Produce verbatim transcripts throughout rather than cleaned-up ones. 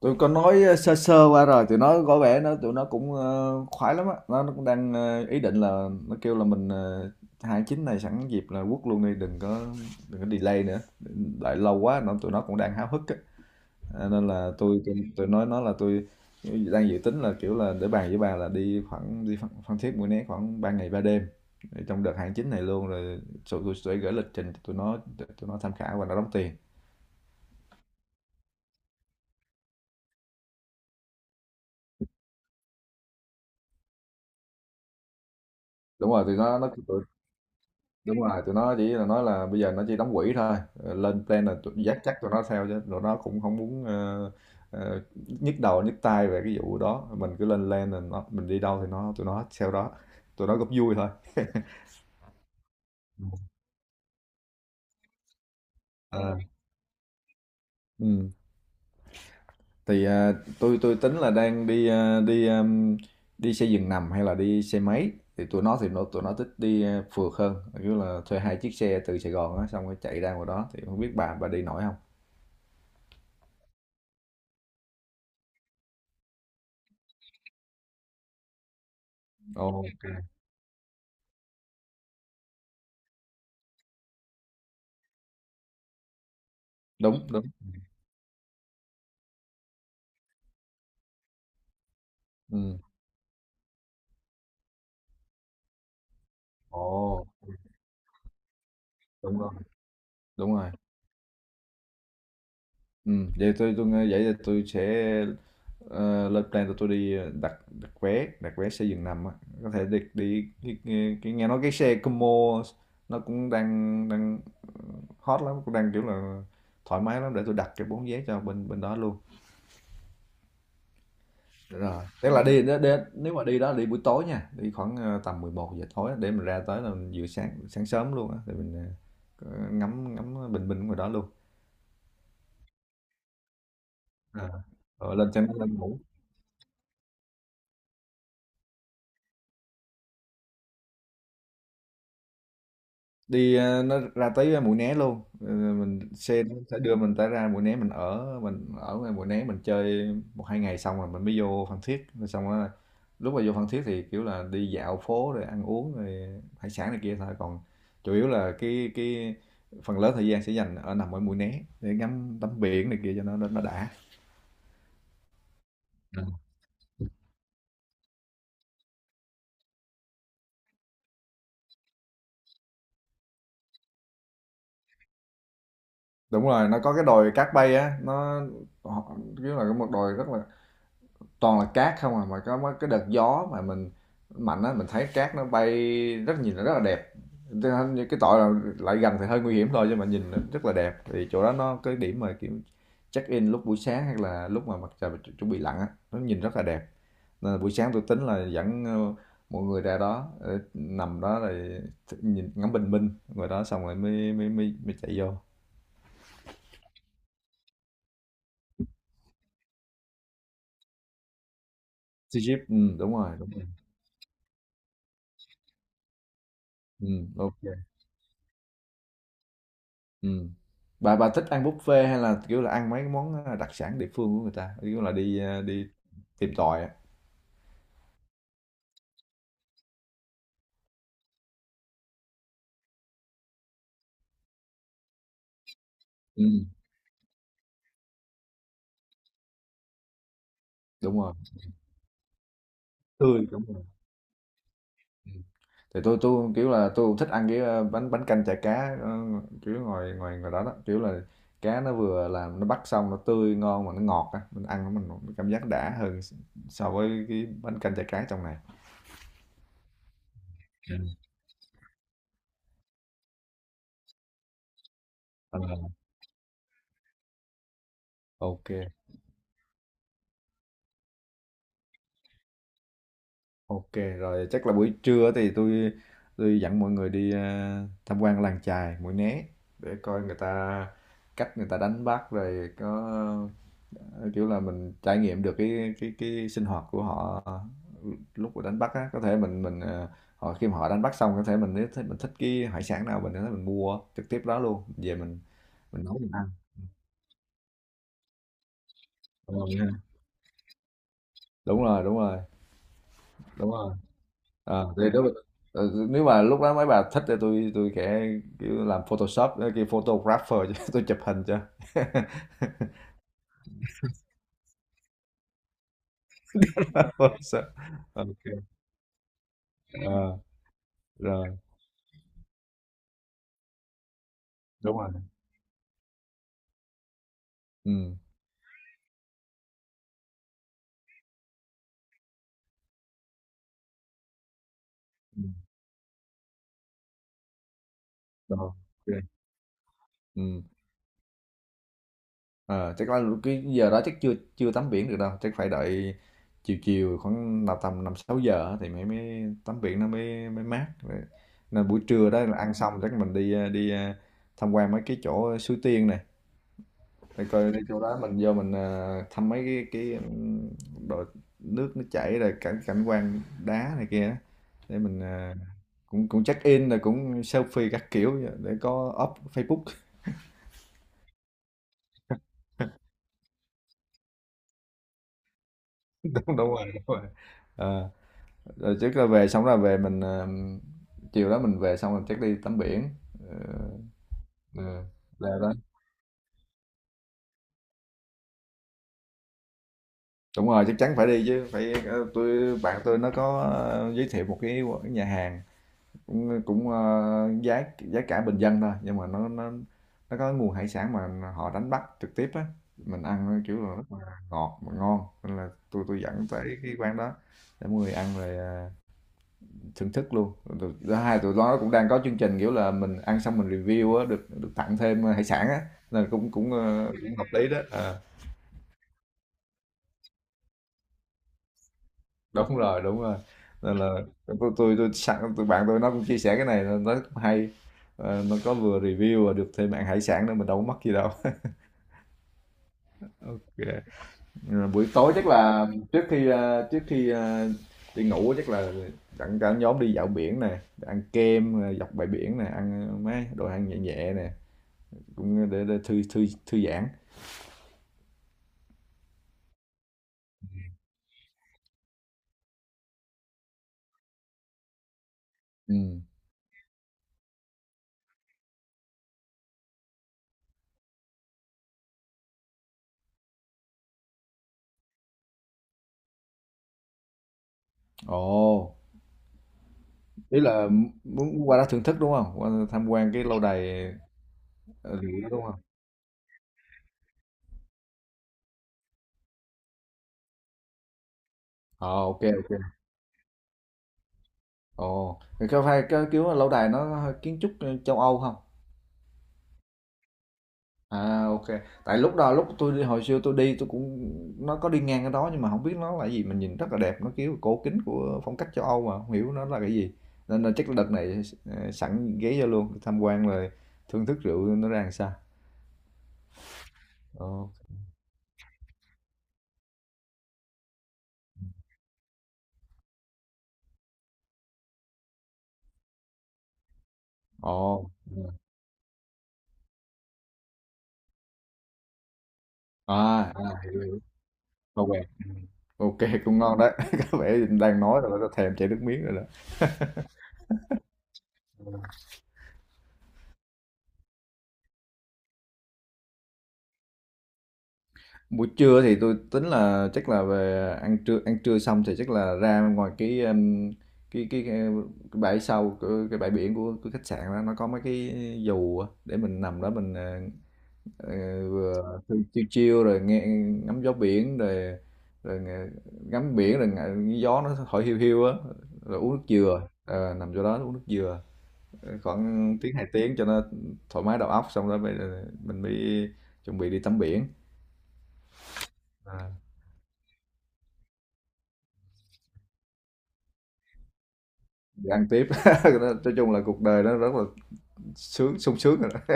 Tụi có nói ờ, sơ sơ qua rồi, tụi nó có vẻ nó tụi nó cũng ờ, khoái lắm á, nó, nó cũng đang ờ, ý định là nó kêu là mình ờ, hai chín này sẵn dịp là quất luôn đi, đừng có đừng có delay nữa. Đợi lâu quá nó tụi nó cũng đang háo hức á. À, nên là tôi tôi tôi nói nó là tôi đang dự tính là kiểu là để bàn với bà là đi khoảng đi Phan, Phan Thiết Mũi Né khoảng ba ngày ba đêm để trong đợt hàng chín này luôn rồi tụi tôi sẽ gửi lịch trình cho tụi nó để tụi nó tham khảo và nó đóng tiền đúng rồi tụi nó nó tụi, đúng rồi tụi nó chỉ là nói là bây giờ nó chỉ đóng quỹ thôi. Ờ, lên plan là tụi, dắt chắc tụi nó theo chứ tụi nó cũng không muốn ờ, ờ, nhức đầu nhức tai về cái vụ đó, mình cứ lên plan là nó, mình đi đâu thì nó tụi nó theo đó, tụi nó góp vui thôi. Ờ, ừ. thì ờ, tôi tôi tính là đang đi ờ, đi ờm, đi xe giường nằm hay là đi xe máy, thì tụi nó thì nó tụi nó thích đi ờ, phượt hơn, kiểu là thuê hai chiếc xe từ Sài Gòn á xong rồi chạy ra ngoài đó, thì không biết bà bà đi nổi không. Ồ, ok. Đúng đúng, ừ. Ồ, đúng rồi, đúng rồi. Ừ, vậy tôi tôi nghe- vậy thì tôi sẽ ờ, lên plan tụi tôi đi đặt đặt vé, đặt vé xe giường nằm á, có thể đi đi cái, cái, cái nghe nói cái xe combo nó cũng đang đang hot lắm, cũng đang kiểu là thoải mái lắm, để tôi đặt cái bốn vé cho bên bên đó luôn. Được rồi, tức là đi, đi, đi nếu mà đi đó đi buổi tối nha, đi khoảng ờ, tầm mười một giờ tối á, để mình ra tới là mình vừa sáng sáng sớm luôn á, để mình ờ, ngắm ngắm bình minh ngoài đó luôn. À. Rồi lên cho nó lên ngủ. Đi ờ, nó ra tới ờ, Mũi Né luôn. Ờ, mình xe nó sẽ đưa mình tới ra Mũi Né, mình ở mình ở ngoài Mũi Né, mình chơi một hai ngày xong rồi mình mới vô Phan Thiết, rồi xong rồi lúc mà vô Phan Thiết thì kiểu là đi dạo phố rồi ăn uống rồi hải sản này kia thôi, còn chủ yếu là cái cái phần lớn thời gian sẽ dành ở nằm ở Mũi Né để ngắm tắm biển này kia cho nó nó đã. Ừ. Đúng rồi, nó có cái đồi cát bay á, nó họ- kiểu là một đồi rất là toàn là cát không à, mà có mấy cái đợt gió mà mình mạnh á mình thấy cát nó bay, rất nhìn nó rất là đẹp. Cái tội là lại gần thì hơi nguy hiểm thôi, nhưng mà nhìn nó rất là đẹp, thì chỗ đó nó cái điểm mà kiểu check in lúc buổi sáng hay là lúc mà mặt trời chuẩn bị lặn á, nó nhìn rất là đẹp. Nên là buổi sáng tôi tính là dẫn ờ, mọi người ra đó ờ, nằm đó, rồi nhìn ngắm bình minh ngoài đó xong rồi mới mới mới, mới chạy vô. Sea Games, ừ, đúng rồi đúng rồi. Ừ, ok. Ừm. Bà bà thích ăn buffet, hay là kiểu là ăn mấy cái món, à, đặc sản địa phương của người ta? Kiểu là đi, a, đi tìm tòi á. Ừm, đúng rồi, tươi, đúng rồi. Ừm, thì tôi tôi kiểu là, tôi cũng thích ăn cái, a, bánh bánh canh chả cá, ơ, kiểu, ngoài ngoài ngoài đó đó, kiểu là cá nó vừa làm nó bắt xong nó tươi ngon mà nó ngọt á, mình ăn nó mình cảm giác đã hơn so với cái bánh canh chả cá trong này. Ừm, ờ, OK. Ok, rồi chắc là buổi trưa thì tôi tôi dẫn mọi người đi ờ, tham quan làng chài Mũi Né để coi người ta, cách người ta đánh bắt rồi có ờ, kiểu là mình trải nghiệm được cái cái cái sinh hoạt của họ ờ, lúc mà đánh bắt á, có thể mình mình ờ, họ, khi mà họ đánh bắt xong có thể mình, nếu thích mình thích cái hải sản nào mình có thể mình mua trực tiếp đó luôn về mình mình nấu mình ăn. Đúng rồi, đúng rồi đúng rồi. Ờ, thì nếu mà, ờ, nếu mà lúc đó mấy bà thích thì tôi tôi sẽ kiểu làm Photoshop, ờ, cái photographer chứ tôi chụp hình cho Photoshop. Ok. Ờ, rồi đúng rồi, ừ ừ, rồi ok ừ. Ờ, chắc là cái giờ đó chắc chưa chưa tắm biển được đâu, chắc phải đợi chiều chiều khoảng nào tầm năm sáu giờ á thì mới mới tắm biển, nó mới mới mát rồi. Nên buổi trưa đó là ăn xong chắc mình đi ờ, đi ờ, tham quan mấy cái chỗ suối tiên. Thì coi đi chỗ đó mình vô mình ờ, thăm mấy cái cái ừm, đồ nước nó chảy rồi cảnh cảnh quan đá này kia á, để mình ờ, cũng cũng check in rồi cũng selfie các kiểu vậy, để có up Facebook. Đúng đúng rồi đúng rồi. Ờ, rồi trước là về xong là về, mình ờ, chiều đó mình về xong là chắc đi tắm biển. Ờ, ừ, là đó đúng rồi, chắc chắn phải đi chứ. Phải ờ, tôi bạn tôi nó có ờ, giới thiệu một cái nhà hàng, cũng cũng, ờ, giá giá cả bình dân thôi, nhưng mà nó nó nó có nguồn hải sản mà họ đánh bắt trực tiếp á, mình ăn nó kiểu là rất là ngọt mà ngon, nên là tôi tôi dẫn tới cái quán đó để mọi người ăn rồi à, thưởng thức luôn. Rồi tụi- thứ hai tụi nó cũng đang có chương trình kiểu là mình ăn xong mình review á, được được tặng thêm hải sản á, nên cũng cũng ờ, cũng hợp lý đó. Ờ. Đúng rồi, đúng rồi. Nên là tôi tôi tôi sẵn tụi bạn tôi nó cũng chia sẻ cái này nó cũng hay. Ờ, nó có vừa review và được thêm bạn hải sản nữa, mình đâu có mất gì đâu. Ok. Rồi buổi tối chắc là trước khi ờ, trước khi ờ, đi ngủ chắc là dẫn cả nhóm đi dạo biển nè, ăn kem ờ, dọc bãi biển nè, ăn mấy đồ ăn nhẹ nhẹ nè, cũng để, để thư thư thư giãn. Ừ. Ồ, ý là muốn qua đó thưởng thức đúng không? Qua tham quan cái lâu đài ờ, lụa đúng không? Ờ ok ok. Ồ, thì có phải cái kiểu lâu đài nó hơi kiến trúc châu Âu không? À ok, tại lúc đó lúc tôi đi hồi xưa tôi đi tôi cũng, nó có đi ngang cái đó nhưng mà không biết nó là gì, mình nhìn rất là đẹp, nó kiểu cổ kính của phong cách châu Âu mà không hiểu nó là cái gì, nên là chắc là đợt này ờ, sẵn ghé vô luôn tham quan rồi thưởng thức rượu nó ra làm sao. Ồ, ồ, ừ. À, à hiểu, hiểu. Ok, ok, cũng ngon đấy, có vẻ đang nói rồi nó thèm chảy nước miếng rồi đó. Buổi trưa thì tôi tính là chắc là về ăn trưa ăn trưa xong thì chắc là ra ngoài cái um, cái cái, cái bãi sau cái, cái bãi biển của cái khách sạn đó, nó có mấy cái dù á, để mình nằm đó, mình ờ, ờ, vừa chiêu chiêu rồi nghe ngắm gió biển rồi rồi nghe- ngắm biển rồi nghe cái gió nó thổi hiu hiu á rồi uống nước dừa. Ờ, nằm chỗ đó uống nước dừa. Ờ, khoảng tiếng hai tiếng cho nó thoải mái đầu óc, xong rồi bây giờ mình mới chuẩn bị đi tắm biển. Ờ, thì ăn tiếp, nói chung là cuộc đời nó rất là sướng sung sướng rồi đó.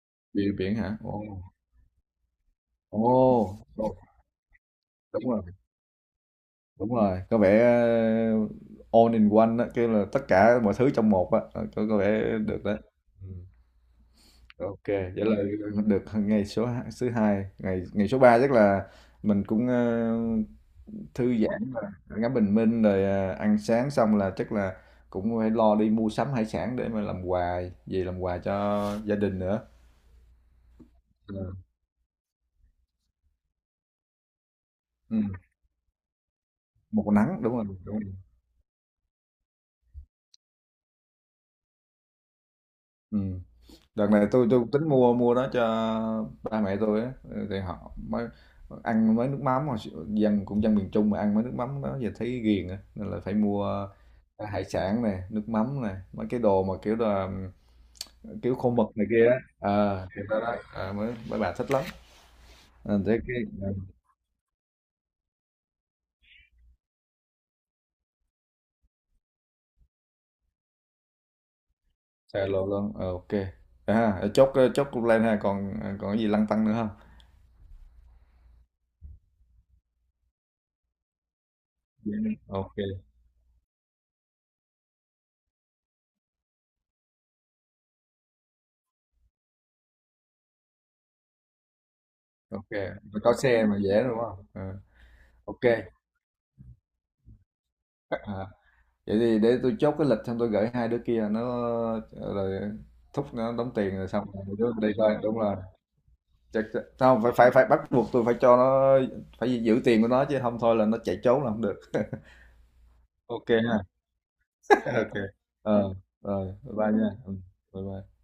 Biển biển hả? Ồ, ồ, ồ, đúng rồi, đúng rồi, có vẻ ờ, all in one á, kêu là tất cả mọi thứ trong một á. Ờ, có có vẻ được đấy. Ừ. Ok, vậy là được ngày số h- thứ hai, ngày ngày số ba chắc là mình cũng ờ, thư giãn và ngắm bình minh, rồi ờ, ăn sáng xong là chắc là cũng phải lo đi mua sắm hải sản để mà làm quà, về làm quà cho gia đình nữa. Ừm, một nắng, đúng rồi, đúng rồi. Ừm, đợt này tôi tôi tính mua mua đó cho ba mẹ tôi á, ừ, thì họ mới ăn mấy nước mắm mà dân cũng dân miền Trung mà ăn mấy nước mắm đó giờ thấy ghiền á, nên là phải mua hải sản này, nước mắm này, mấy cái đồ mà kiểu là kiểu khô mực này kia á. Ờ, thì đó đó, ờ, mấy mấy bà thích lắm. Ờ, thế cái ờ, xài lộ luôn. Ờ, ok. À, chốt chốt cũng lên ha, còn còn cái gì lăn tăn nữa không? Dạ. Ok, ok. Có xe mà dễ đúng không? Ờ. Ok. À, vậy thì để tôi chốt cái lịch xong tôi gửi hai đứa kia nó, rồi thúc nó đóng tiền rồi xong rồi đứa đi thôi. Đúng rồi, chắc chắc- không phải phải phải bắt buộc, tôi phải cho nó, phải giữ tiền của nó chứ không thôi là nó chạy trốn là không được. Ok ha. Ok, ờ, rồi bye bye nha. Ừ, bye bye